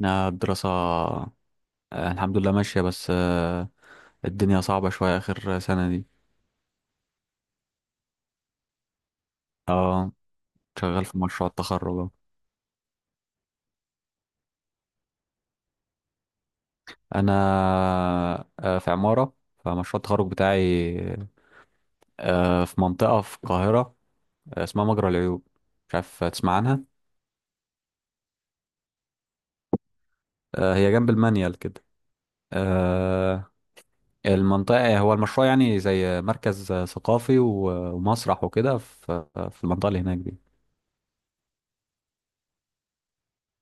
أنا الدراسة الحمد لله ماشية بس، الدنيا صعبة شوية آخر سنة دي. اه، شغال في مشروع التخرج أهو. أنا في عمارة، فمشروع التخرج بتاعي في منطقة في القاهرة، اسمها مجرى العيون. مش عارف تسمع عنها. هي جنب المنيل كده. آه، المنطقة، هو المشروع يعني زي مركز ثقافي ومسرح وكده في المنطقة اللي هناك دي.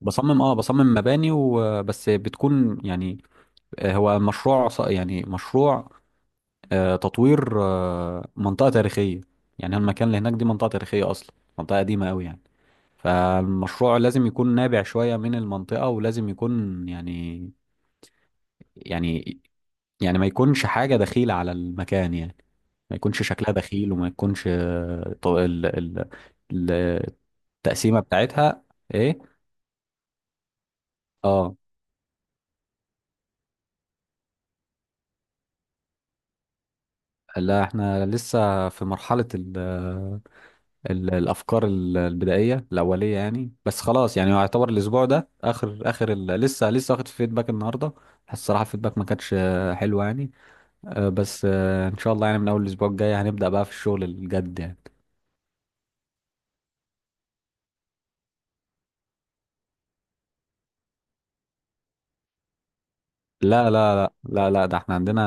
بصمم، اه، مباني وبس، بتكون يعني هو مشروع يعني مشروع تطوير منطقة تاريخية. يعني المكان اللي هناك دي منطقة تاريخية أصلا، منطقة قديمة أوي يعني. فالمشروع لازم يكون نابع شوية من المنطقة، ولازم يكون يعني يعني ما يكونش حاجة دخيلة على المكان يعني. ما يكونش شكلها دخيل، وما يكونش ال- التقسيمة بتاعتها إيه. اه، لا احنا لسه في مرحلة الافكار البدائيه الاوليه يعني، بس خلاص يعني هو يعتبر الاسبوع ده اخر لسه، واخد فيدباك النهارده. الصراحه الفيدباك ما كانتش حلو يعني، بس ان شاء الله يعني من اول الاسبوع الجاي هنبدا بقى في الشغل الجد يعني. لا لا لا لا لا، ده احنا عندنا،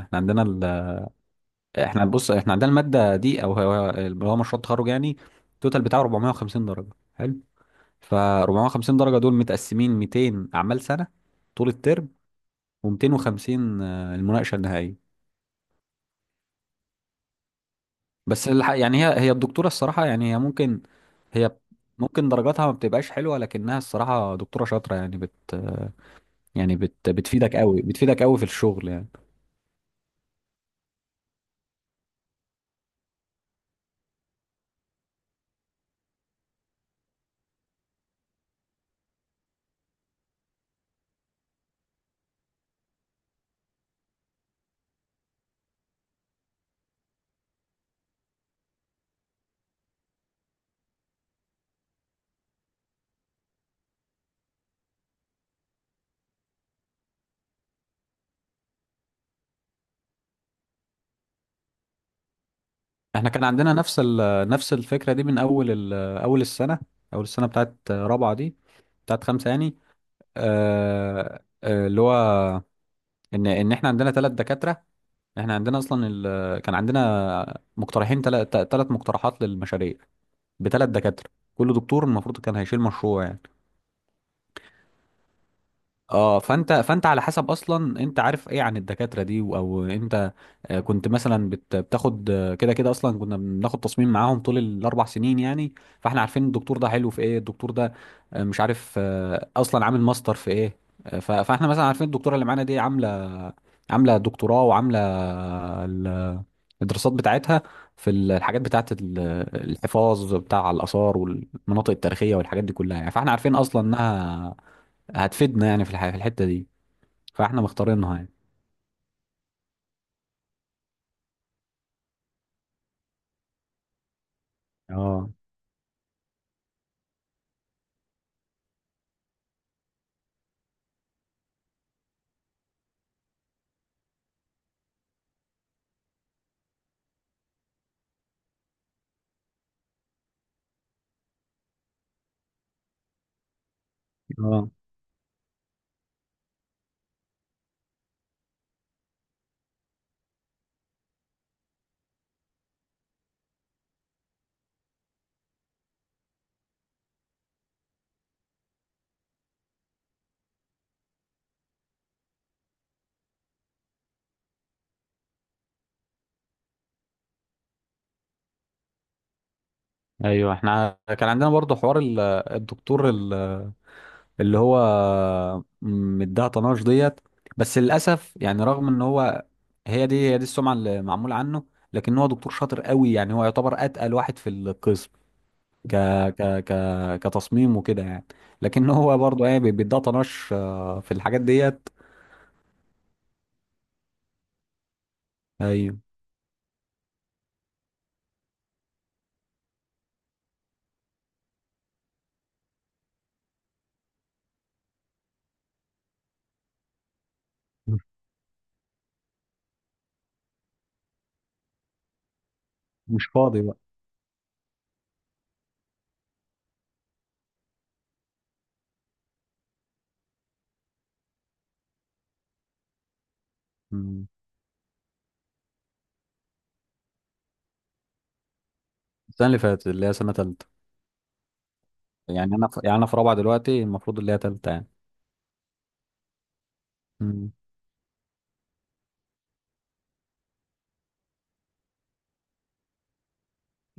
احنا عندنا ال... احنا بص احنا عندنا الماده دي، او هو اللي هو مشروع التخرج يعني. التوتال بتاعه 450 درجه. حلو. ف 450 درجه دول متقسمين 200 اعمال سنه طول الترم، و250 المناقشه النهائيه. بس يعني هي الدكتورة الصراحة، يعني هي ممكن درجاتها ما بتبقاش حلوة، لكنها الصراحة دكتورة شاطرة يعني بت، بتفيدك قوي، بتفيدك قوي في الشغل يعني. احنا كان عندنا نفس الفكرة دي من أول السنة، أول السنة بتاعت رابعة دي، بتاعت خمسة يعني. اللي هو إن احنا عندنا ثلاث دكاترة. احنا عندنا أصلا كان عندنا مقترحين، ثلاث مقترحات للمشاريع بثلاث دكاترة، كل دكتور المفروض كان هيشيل مشروع يعني. اه، فانت على حسب اصلا انت عارف ايه عن الدكاتره دي، او انت كنت مثلا بتاخد كده كده اصلا كنا بناخد تصميم معاهم طول الاربع سنين يعني. فاحنا عارفين الدكتور ده حلو في ايه، الدكتور ده مش عارف اصلا عامل ماستر في ايه. فاحنا مثلا عارفين الدكتوره اللي معانا دي عامله، دكتوراه، وعامله ال- الدراسات بتاعتها في الحاجات بتاعت الحفاظ بتاع الاثار والمناطق التاريخيه والحاجات دي كلها يعني، فاحنا عارفين اصلا انها هتفيدنا يعني في في الحته دي، فاحنا مختارينها يعني. اه، اه، ايوه، احنا كان عندنا برضو حوار الدكتور اللي هو مديها طناش ديت. بس للاسف يعني، رغم ان هو هي دي السمعه اللي معموله عنه، لكن هو دكتور شاطر قوي يعني، هو يعتبر اتقل واحد في القسم ك ك ك كتصميم وكده يعني. لكن هو برضو ايه، بيديها طناش في الحاجات ديت. ايوه مش فاضي بقى. مم. السنه اللي فاتت اللي هي سنه ثالثه، يعني انا في، رابعه دلوقتي المفروض اللي هي ثالثه. مم.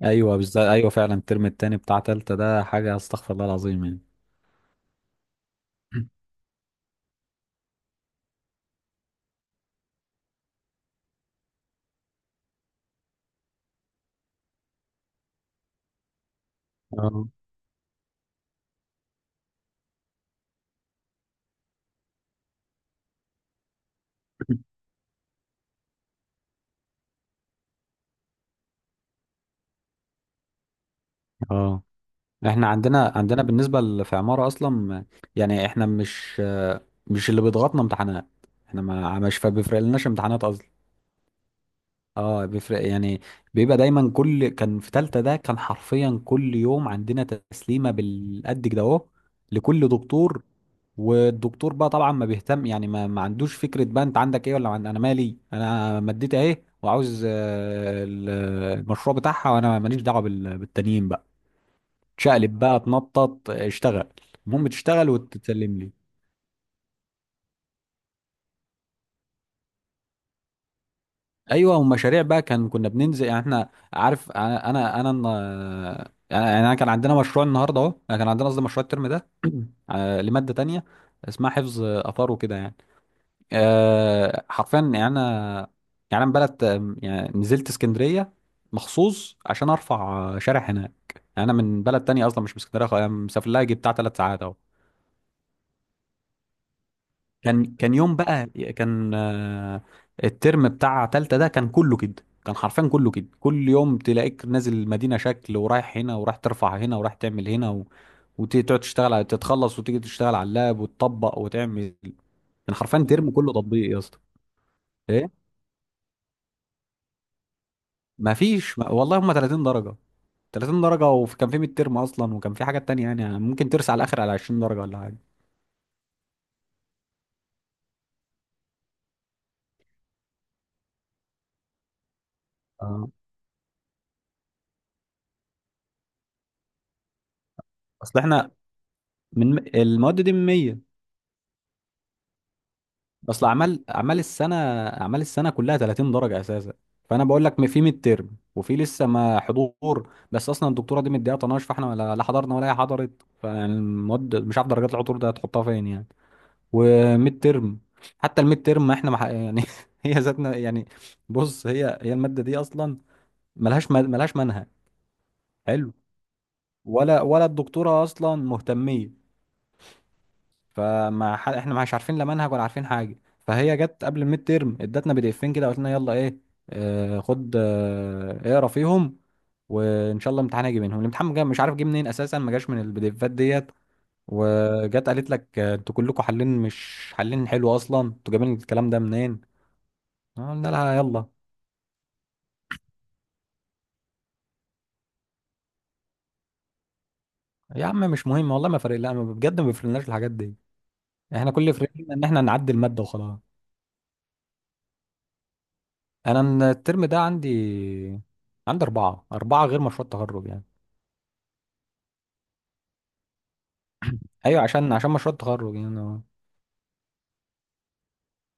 ايوه بالظبط، ايوه فعلا الترم التاني بتاع تالتة ده حاجة استغفر الله العظيم يعني. اه. اه. احنا عندنا بالنسبة في عمارة اصلا، يعني احنا مش اللي بيضغطنا امتحانات، احنا ما مش فبيفرق لناش امتحانات اصلا. اه، بيفرق يعني. بيبقى دايما كان في تالتة ده كان حرفيا كل يوم عندنا تسليمة بالقد كده اهو، لكل دكتور. والدكتور بقى طبعا ما بيهتم يعني، ما عندوش فكرة بقى انت عندك ايه ولا انا مالي، انا مديت اهي وعاوز المشروع بتاعها، وانا ماليش دعوة بالتانيين بقى. تشقلب بقى، تنطط، اشتغل، المهم تشتغل وتتسلم لي. ايوه، ومشاريع بقى كنا بننزل يعني، احنا عارف انا، يعني انا كان عندنا مشروع النهارده اهو، يعني كان عندنا قصدي مشروع الترم ده لماده تانية اسمها حفظ اثار وكده يعني. حرفيا يعني انا، يعني انا بلد يعني نزلت اسكندريه مخصوص عشان ارفع شارع هناك. يعني انا من بلد تانية اصلا مش من اسكندريه خالص، انا مسافر لها جي بتاع 3 ساعات اهو. كان كان يوم بقى. كان الترم بتاع تالتة ده كان كله كده. كان حرفيا كله كده، كل يوم تلاقيك نازل المدينة شكل ورايح هنا، ورايح ترفع هنا، ورايح تعمل هنا وتقعد تشتغل على تتخلص، وتيجي تشتغل على اللاب وتطبق وتعمل. كان حرفيا ترم كله تطبيق يا اسطى. ايه، مفيش ما... والله هم 30 درجة، 30 درجة، وكان في ميد ترم اصلا وكان في حاجات تانية، يعني ممكن ترسى على الاخر على 20 درجة ولا حاجة. آه. اصل احنا من المواد دي من 100. اصل اعمال السنه كلها 30 درجه اساسا. فانا بقول لك في ميد ترم، وفي لسه ما حضور، بس اصلا الدكتوره دي مديها طناش، فاحنا لا حضرنا ولا هي حضرت، فالمواد مش عارف درجات العطور ده هتحطها فين يعني. وميد ترم، حتى الميد ترم ما احنا، ما ح- يعني هي ذاتنا يعني. بص هي الماده دي اصلا ملهاش، ملهاش منهج. حلو. ولا الدكتوره اصلا مهتميه. احنا مش عارفين لا منهج ولا عارفين حاجه. فهي جت قبل الميد تيرم ادتنا PDFs كده، قلت لنا يلا ايه، خد، اقرا فيهم. وان شاء الله امتحان هيجي منهم، الامتحان جا مش عارف جه منين اساسا، ما جاش من الPDFs ديت. وجت قالت لك انتوا كلكم حالين مش حالين، حلو اصلا انتوا جايبين الكلام ده منين، قلنا لها يلا. يا عم مش مهم والله، ما فارق، لا ما- بجد ما بيفرقناش الحاجات دي. احنا كل اللي فرقنا ان احنا نعدي الماده وخلاص. انا الترم ده عندي أربعة، غير مشروع التخرج يعني. ايوه، عشان مشروع التخرج يعني آه.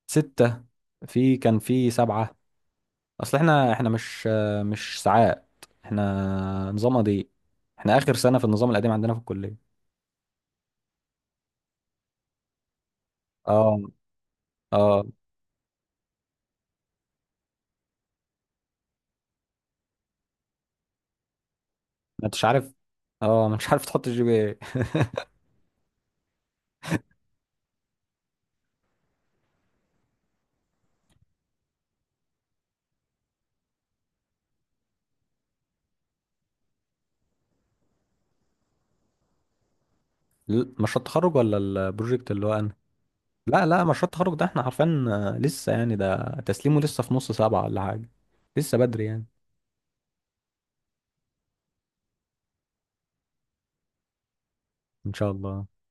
ستة. في كان في سبعة. اصل احنا، مش مش ساعات، احنا نظام دي. احنا اخر سنة في النظام القديم عندنا في الكلية. اه. اه، ما انتش عارف، اه ما انتش عارف تحط الGPA. مشروع التخرج ولا البروجكت اللي هو انا؟ لا لا مشروع التخرج ده احنا عارفين، لسه يعني ده تسليمه لسه في نص سبعة ولا حاجة، لسه بدري يعني. ان شاء الله.